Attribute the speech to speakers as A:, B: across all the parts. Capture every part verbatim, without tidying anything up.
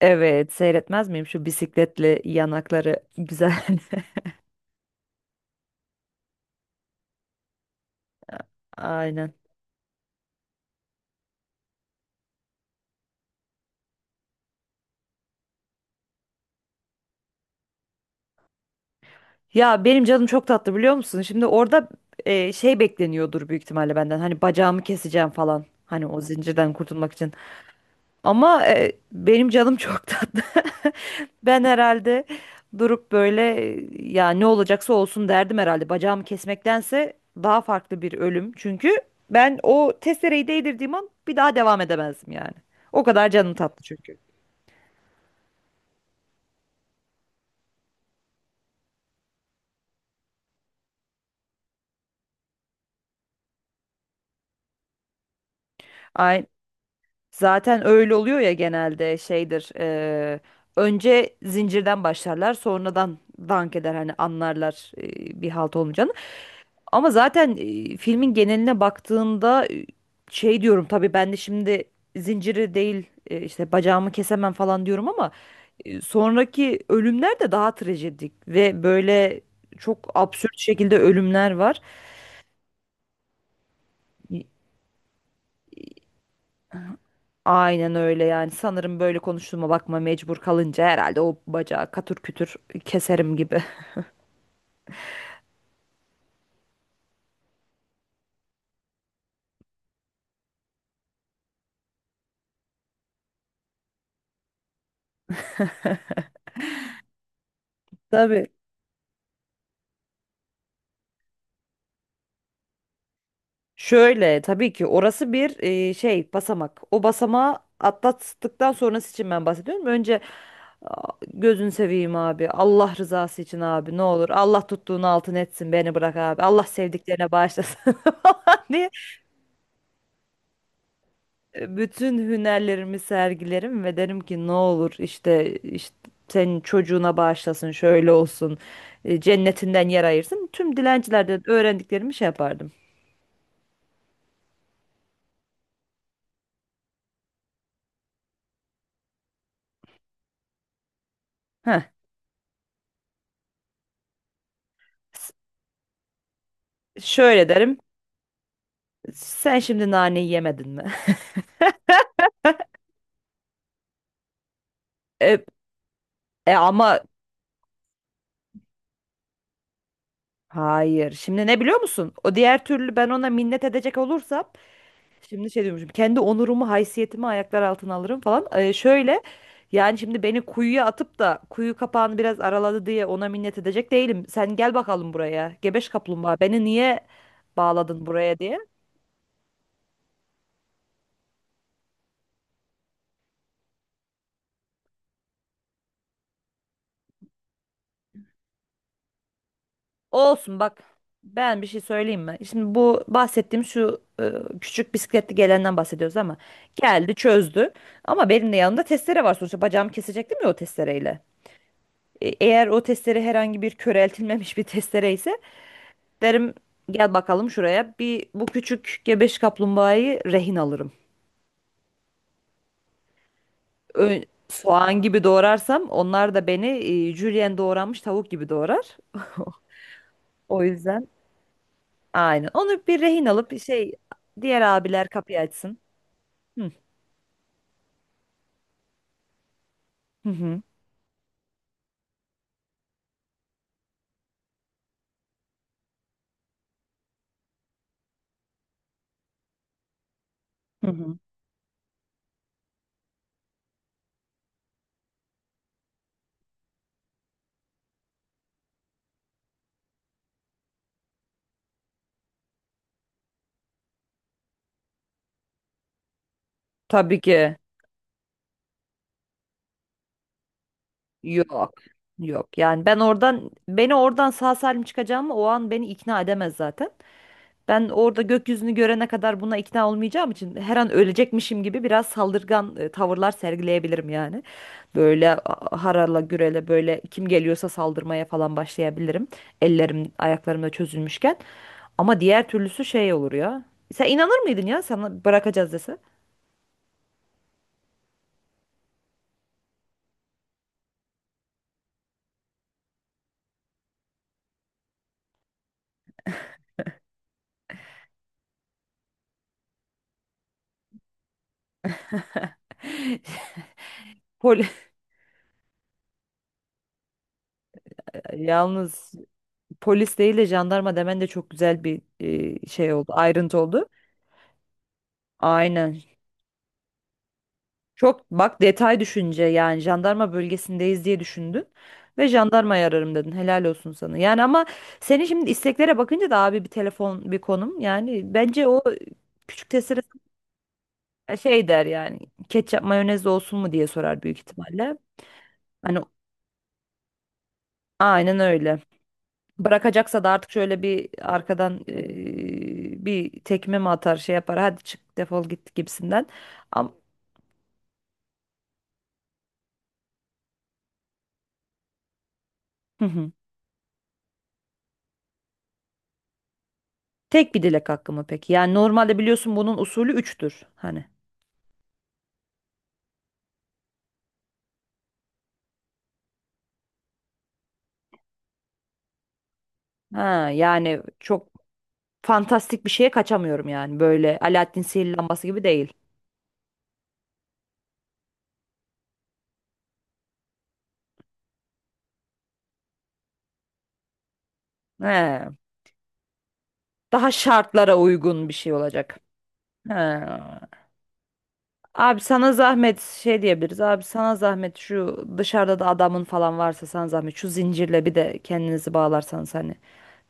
A: Evet, seyretmez miyim şu bisikletli yanakları güzel. Aynen. Ya benim canım çok tatlı biliyor musun? Şimdi orada e, şey bekleniyordur büyük ihtimalle benden. Hani bacağımı keseceğim falan. Hani o zincirden kurtulmak için. Ama e, benim canım çok tatlı. Ben herhalde durup böyle e, ya ne olacaksa olsun derdim herhalde. Bacağımı kesmektense daha farklı bir ölüm. Çünkü ben o testereyi değdirdiğim an bir daha devam edemezdim yani. O kadar canım tatlı çünkü. Ay, zaten öyle oluyor ya genelde şeydir. Eee, önce zincirden başlarlar, sonradan dank eder hani anlarlar, eee, bir halt olmayacağını. Ama zaten eee, filmin geneline baktığında, eee, şey diyorum tabii ben de şimdi zinciri değil, eee, işte bacağımı kesemem falan diyorum ama eee, sonraki ölümler de daha trajedik ve böyle çok absürt şekilde ölümler var. Aynen öyle yani, sanırım böyle konuştuğuma bakma, mecbur kalınca herhalde o bacağı katır kütür keserim gibi. Tabii. Şöyle tabii ki orası bir e, şey basamak. O basamağı atlattıktan sonrası için ben bahsediyorum. Önce a, gözün seveyim abi. Allah rızası için abi ne olur. Allah tuttuğunu altın etsin, beni bırak abi. Allah sevdiklerine bağışlasın falan diye e, bütün hünerlerimi sergilerim ve derim ki ne olur, işte işte senin çocuğuna bağışlasın, şöyle olsun, e, cennetinden yer ayırsın. Tüm dilencilerden öğrendiklerimi şey yapardım. Heh. S- Şöyle derim, sen şimdi naneyi yemedin mi? E, e ama hayır, şimdi ne biliyor musun? O diğer türlü ben ona minnet edecek olursam, şimdi şey diyormuşum. Kendi onurumu, haysiyetimi ayaklar altına alırım falan. Ee, şöyle yani, şimdi beni kuyuya atıp da kuyu kapağını biraz araladı diye ona minnet edecek değilim. Sen gel bakalım buraya. Gebeş kaplumbağa. Beni niye bağladın buraya, diye. Olsun bak. Ben bir şey söyleyeyim mi? Şimdi bu bahsettiğim şu e, küçük bisikletli gelenden bahsediyoruz ama geldi çözdü. Ama benim de yanımda testere var sonuçta. Bacağımı kesecektim ya o testereyle. E, eğer o testere herhangi bir köreltilmemiş bir testere ise derim gel bakalım şuraya. Bir bu küçük gebeş kaplumbağayı rehin alırım. Ö- Soğan gibi doğrarsam onlar da beni e, jülyen doğranmış tavuk gibi doğrar. O yüzden aynen. Onu bir rehin alıp bir şey, diğer abiler kapıyı açsın. Hı hı. Hı hı. Tabii ki. Yok. Yok. Yani ben oradan, beni oradan sağ salim çıkacağımı o an beni ikna edemez zaten. Ben orada gökyüzünü görene kadar buna ikna olmayacağım için, her an ölecekmişim gibi biraz saldırgan e, tavırlar sergileyebilirim yani. Böyle a- harala gürele böyle kim geliyorsa saldırmaya falan başlayabilirim. Ellerim ayaklarım da çözülmüşken. Ama diğer türlüsü şey olur ya. Sen inanır mıydın ya sana bırakacağız dese? Poli Yalnız polis değil de jandarma demen de çok güzel bir e, şey oldu, ayrıntı oldu. Aynen. Çok bak detay düşünce, yani jandarma bölgesindeyiz diye düşündün ve jandarmayı ararım dedin. Helal olsun sana. Yani ama senin şimdi isteklere bakınca da abi bir telefon bir konum, yani bence o küçük testere şey der yani, ketçap mayonez olsun mu diye sorar büyük ihtimalle. Hani aynen öyle. Bırakacaksa da artık şöyle bir arkadan eee, bir tekme mi atar şey yapar hadi çık defol git gibisinden. Ama, hı hı. Tek bir dilek hakkı mı peki? Yani normalde biliyorsun bunun usulü üçtür hani. Ha, yani çok fantastik bir şeye kaçamıyorum yani. Böyle Alaaddin sihirli lambası gibi değil. He. Daha şartlara uygun bir şey olacak. He. Abi sana zahmet şey diyebiliriz. Abi sana zahmet, şu dışarıda da adamın falan varsa sana zahmet. Şu zincirle bir de kendinizi bağlarsanız hani.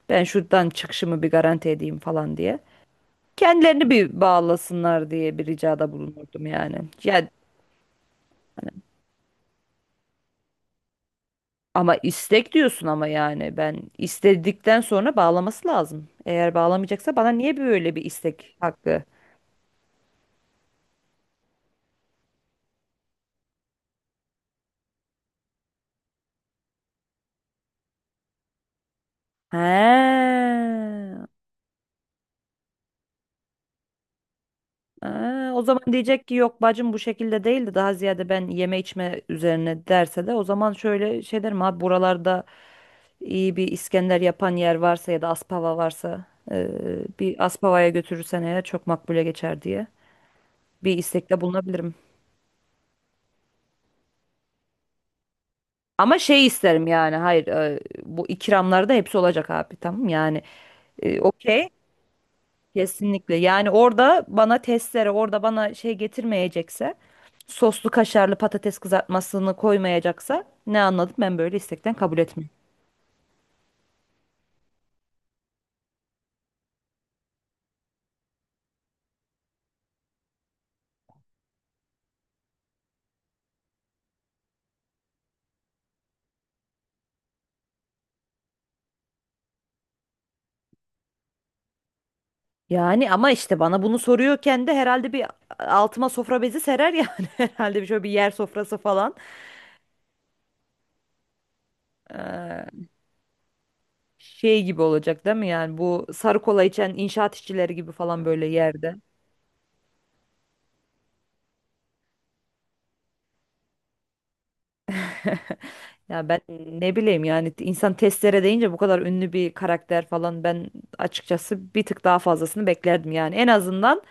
A: Ben şuradan çıkışımı bir garanti edeyim falan diye. Kendilerini bir bağlasınlar diye bir ricada bulunurdum yani. Ya, ama istek diyorsun, ama yani ben istedikten sonra bağlaması lazım. Eğer bağlamayacaksa bana niye böyle bir istek hakkı? He. He. O zaman diyecek ki yok bacım bu şekilde değildi, daha ziyade ben yeme içme üzerine derse de, o zaman şöyle şey derim, abi buralarda iyi bir İskender yapan yer varsa ya da Aspava varsa, e, bir Aspava'ya götürürsen eğer çok makbule geçer diye bir istekte bulunabilirim. Ama şey isterim yani, hayır e, bu ikramlarda hepsi olacak abi, tamam yani, e, okey, kesinlikle yani orada bana testere, orada bana şey getirmeyecekse, soslu kaşarlı patates kızartmasını koymayacaksa ne anladım ben böyle istekten, kabul etmiyorum. Yani ama işte bana bunu soruyorken de herhalde bir altıma sofra bezi serer yani herhalde bir şöyle bir yer sofrası falan. Ee, şey gibi olacak değil mi yani, bu sarı kola içen inşaat işçileri gibi falan böyle yerde. Ya ben ne bileyim yani, insan testlere deyince bu kadar ünlü bir karakter falan, ben açıkçası bir tık daha fazlasını beklerdim yani. En azından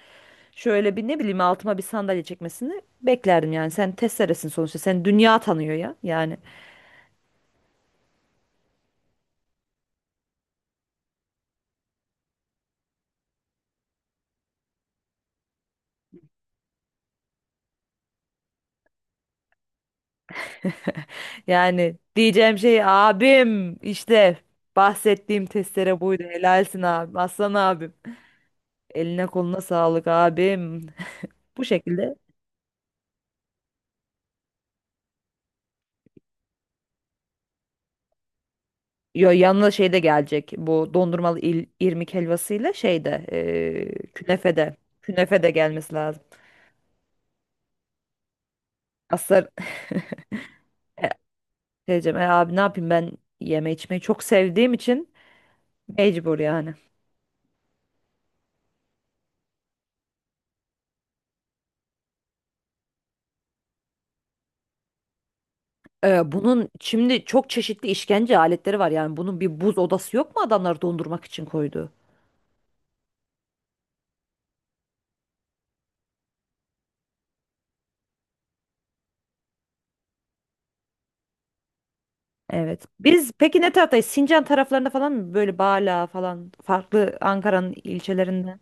A: şöyle bir ne bileyim altıma bir sandalye çekmesini beklerdim yani. Sen testeresin sonuçta. Sen dünya tanıyor ya yani. Yani diyeceğim şey abim, işte bahsettiğim testere buydu. Helalsin abim. Aslan abim. Eline koluna sağlık abim. Bu şekilde, yo, yanına şey de gelecek. Bu dondurmalı il, irmik helvasıyla şey de, e, künefe de, künefe de gelmesi lazım. Aslar E, diyeceğim, "E abi ne yapayım ben, yeme içmeyi çok sevdiğim için mecbur yani. E, bunun şimdi çok çeşitli işkence aletleri var yani, bunun bir buz odası yok mu, adamlar dondurmak için koydu? Evet. Biz peki ne taraftayız? Sincan taraflarında falan mı? Böyle Bala falan, farklı Ankara'nın ilçelerinde.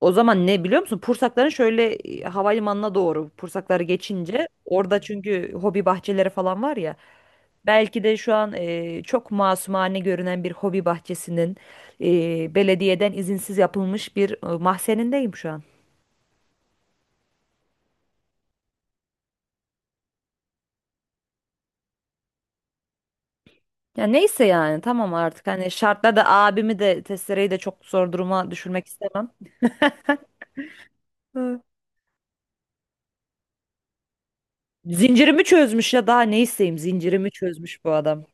A: O zaman ne biliyor musun? Pursakların şöyle e, havalimanına doğru, Pursakları geçince orada çünkü hobi bahçeleri falan var ya. Belki de şu an e, çok masumane görünen bir hobi bahçesinin e, belediyeden izinsiz yapılmış bir e, mahzenindeyim şu an. Ya neyse yani tamam, artık hani şartla da abimi de testereyi de çok zor duruma düşürmek istemem. Hı. Zincirimi çözmüş ya, daha ne isteyeyim, zincirimi çözmüş bu adam.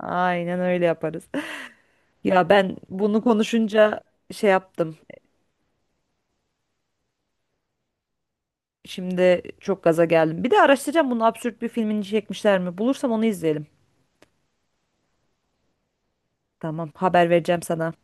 A: Aynen öyle yaparız. Ya ben bunu konuşunca şey yaptım. Şimdi çok gaza geldim. Bir de araştıracağım bunu, absürt bir filmini çekmişler mi? Bulursam onu izleyelim. Tamam, haber vereceğim sana.